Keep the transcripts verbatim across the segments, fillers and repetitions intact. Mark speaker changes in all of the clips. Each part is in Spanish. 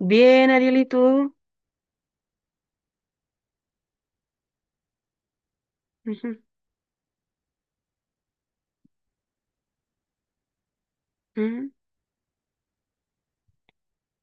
Speaker 1: Bien, Ariel, ¿y tú? Ujú. Mm.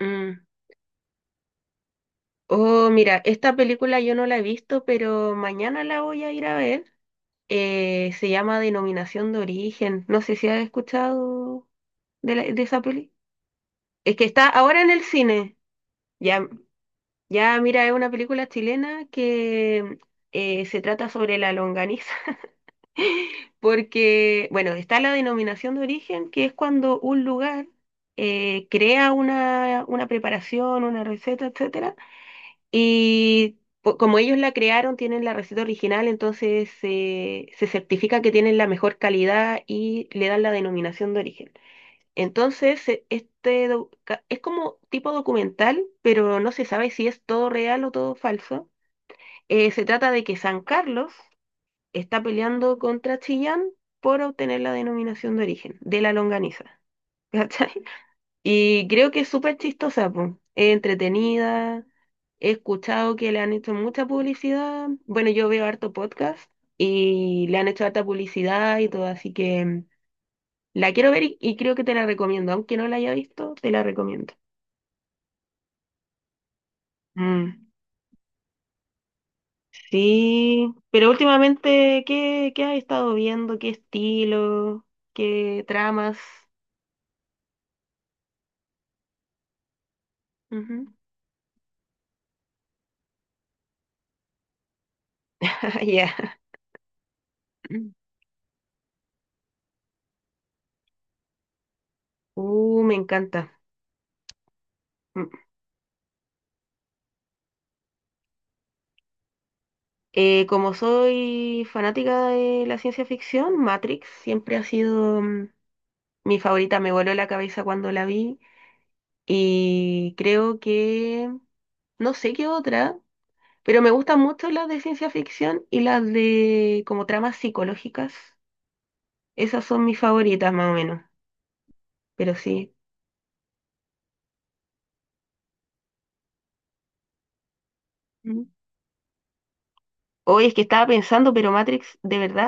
Speaker 1: Mm. Oh, mira, esta película yo no la he visto, pero mañana la voy a ir a ver. Eh, se llama Denominación de Origen. No sé si has escuchado de, la- de esa peli. Es que está ahora en el cine. Ya, ya, mira, es una película chilena que eh, se trata sobre la longaniza. Porque, bueno, está la denominación de origen, que es cuando un lugar eh, crea una, una preparación, una receta, etcétera, y po- como ellos la crearon, tienen la receta original, entonces eh, se certifica que tienen la mejor calidad y le dan la denominación de origen. Entonces, eh, este doc- ca- es como tipo documental, pero no se sabe si es todo real o todo falso. Eh, se trata de que San Carlos está peleando contra Chillán por obtener la denominación de origen de la longaniza. ¿Cachai? Y creo que es súper chistosa, po. Es entretenida. He escuchado que le han hecho mucha publicidad. Bueno, yo veo harto podcast y le han hecho harta publicidad y todo, así que mm, la quiero ver y, y creo que te la recomiendo. Aunque no la haya visto, te la recomiendo. Mm, sí, pero últimamente, ¿qué, qué has estado viendo? ¿Qué estilo? ¿Qué tramas? Ujú. Ah, ya. Mm. Uh, me encanta. Mm. Eh, como soy fanática de la ciencia ficción, Matrix siempre ha sido mm, mi favorita. Me voló la cabeza cuando la vi y creo que no sé qué otra, pero me gustan mucho las de ciencia ficción y las de como tramas psicológicas. Esas son mis favoritas más o menos, pero sí. Mm. Hoy es que estaba pensando, pero Matrix de verdad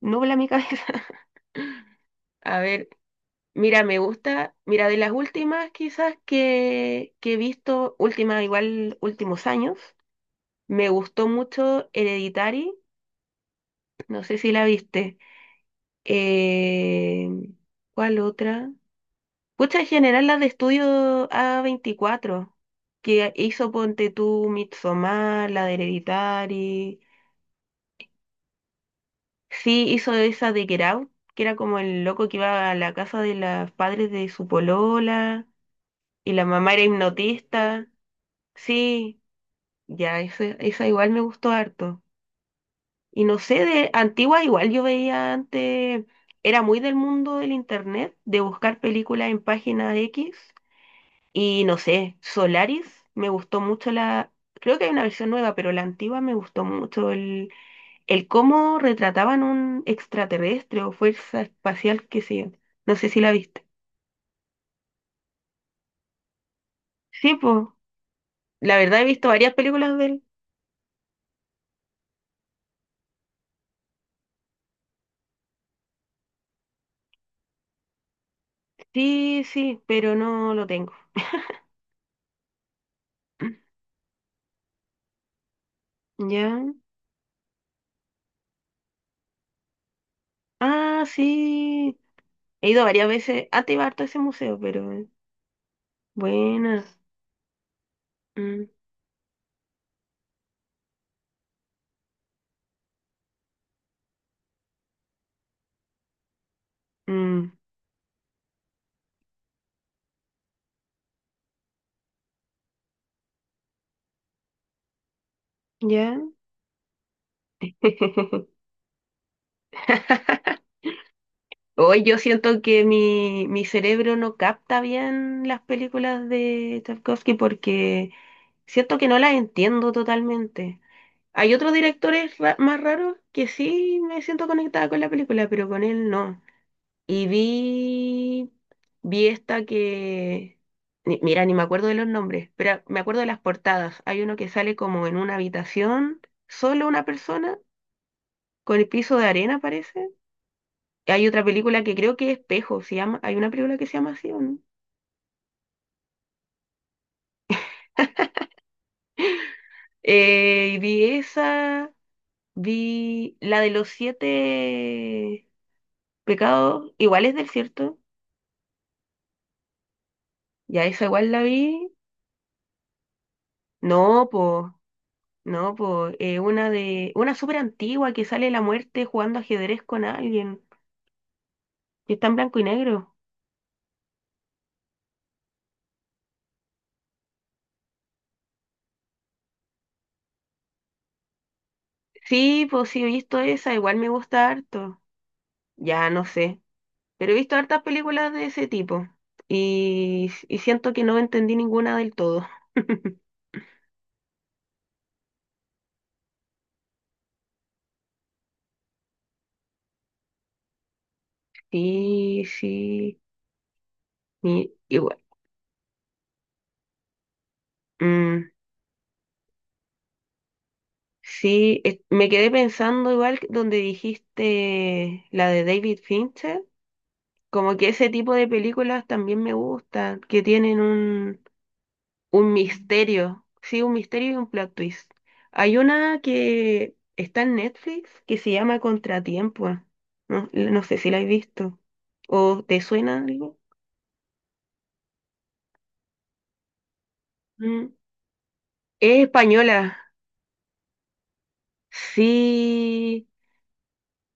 Speaker 1: no nubla mi cabeza. A ver, mira, me gusta, mira, de las últimas quizás que, que he visto, últimas igual últimos años, me gustó mucho Hereditary, no sé si la viste. Eh, ¿Cuál otra? Pucha, en general las de estudio a veinticuatro, que hizo Ponte tú, Midsommar, la de Hereditary. Sí, hizo esa de Get Out, que era como el loco que iba a la casa de los padres de su polola y la mamá era hipnotista. Sí, ya, esa, esa igual me gustó harto. Y no sé, de antigua igual yo veía antes, era muy del mundo del internet, de buscar películas en página X. Y no sé, Solaris, me gustó mucho la, creo que hay una versión nueva, pero la antigua me gustó mucho el, el cómo retrataban un extraterrestre o fuerza espacial que sí. No sé si la viste. Sí, pues, la verdad he visto varias películas de él. Sí, sí, pero no lo tengo. ¿Ya? Ah, sí. He ido varias veces. Ah, te iba harto a ese museo, pero eh, buena. Mm, mm, ya. Hoy yo siento que mi, mi cerebro no capta bien las películas de Tarkovsky porque siento que no las entiendo totalmente. Hay otros directores ra- más raros que sí me siento conectada con la película, pero con él no. Y vi, vi esta que, ni- mira, ni me acuerdo de los nombres, pero me acuerdo de las portadas. Hay uno que sale como en una habitación, solo una persona, con el piso de arena parece. Hay otra película que creo que Espejo se llama, hay una película que se llama así, ¿o no? Eh, y vi esa, vi la de los siete pecados, igual es del cierto, ya esa igual la vi. No, pues. No, pues eh, una de una súper antigua que sale la muerte jugando ajedrez con alguien que está en blanco y negro. Sí, pues sí he visto esa, igual me gusta harto. Ya no sé, pero he visto hartas películas de ese tipo y, y siento que no entendí ninguna del todo. Sí, sí, mi- igual. Mm, sí, es- me quedé pensando igual que donde dijiste la de David Fincher. Como que ese tipo de películas también me gustan, que tienen un, un misterio, sí, un misterio y un plot twist. Hay una que está en Netflix que se llama Contratiempo. No, no sé si la has visto. ¿O te suena algo? Mm. Es española. Sí.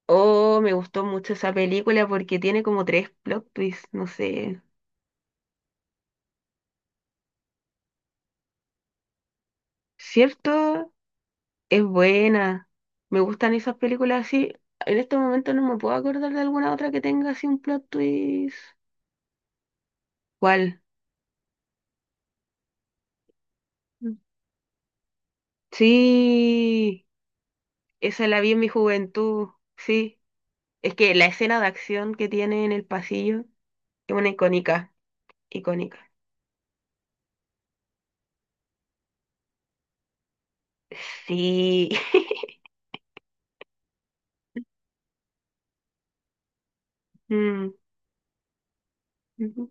Speaker 1: Oh, me gustó mucho esa película porque tiene como tres plot twists, no sé. ¿Cierto? Es buena. Me gustan esas películas así. En este momento no me puedo acordar de alguna otra que tenga así un plot twist. ¿Cuál? Mm. Sí, esa la vi en mi juventud. Sí. Es que la escena de acción que tiene en el pasillo es una icónica. Icónica. Sí. Mm, mm,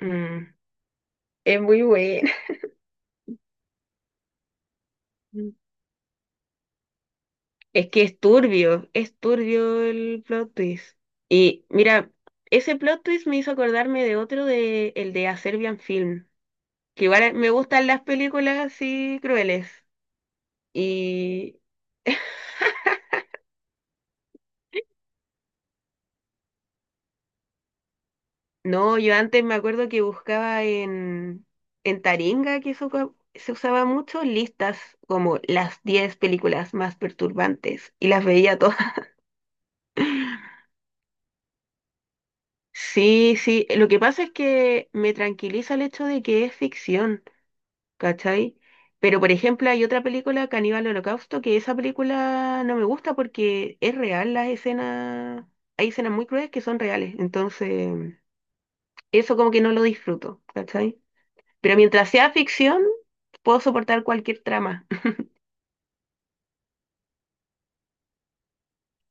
Speaker 1: mm. Es muy buena. Es que es turbio, es turbio el plot twist. Y mira, ese plot twist me hizo acordarme de otro de el de A Serbian Film, que igual eh, me gustan las películas así crueles. Y no, yo antes me acuerdo que buscaba en en Taringa, que eso co- se usaba mucho, listas como las diez películas más perturbantes y las veía todas. Sí, sí, lo que pasa es que me tranquiliza el hecho de que es ficción. ¿Cachai? Pero, por ejemplo, hay otra película, Caníbal Holocausto, que esa película no me gusta porque es real las escenas, hay escenas muy crueles que son reales, entonces eso como que no lo disfruto, ¿cachai? Pero mientras sea ficción, puedo soportar cualquier trama.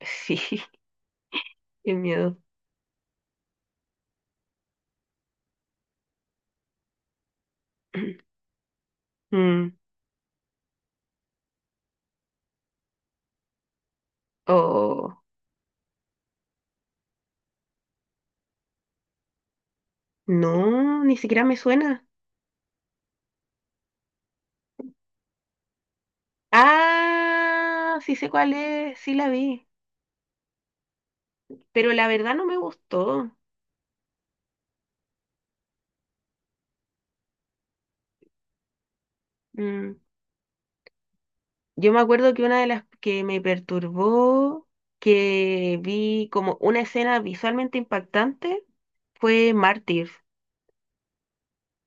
Speaker 1: Sí, qué miedo. Mm, oh, no, ni siquiera me suena. Ah, sí sé cuál es, sí la vi, pero la verdad no me gustó. Mm, Yo me acuerdo que una de las que me perturbó, que vi como una escena visualmente impactante, fue Mártir.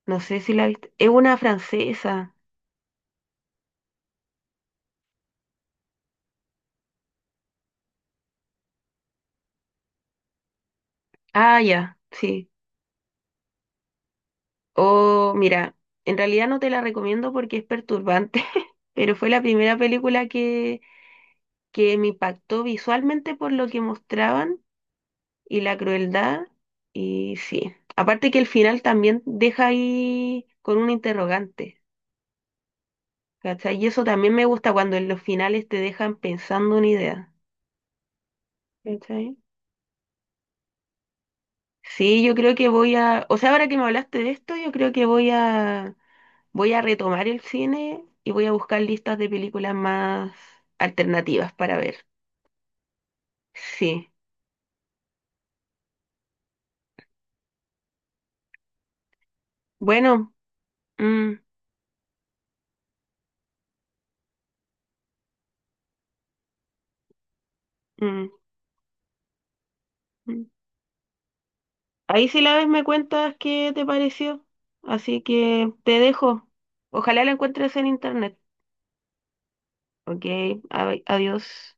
Speaker 1: No sé si la viste. Es una francesa. Ah, ya, sí. Oh, mira, en realidad no te la recomiendo porque es perturbante, pero fue la primera película que, que me impactó visualmente por lo que mostraban y la crueldad. Y sí, aparte que el final también deja ahí con un interrogante. ¿Cachai? Y eso también me gusta cuando en los finales te dejan pensando una idea. ¿Cachai? Sí, yo creo que voy a, o sea, ahora que me hablaste de esto, yo creo que voy a, voy a retomar el cine y voy a buscar listas de películas más alternativas para ver. Sí. Bueno, mm, mm, mm. Ahí, si la ves, me cuentas qué te pareció. Así que te dejo. Ojalá la encuentres en internet. Ok, a- adiós.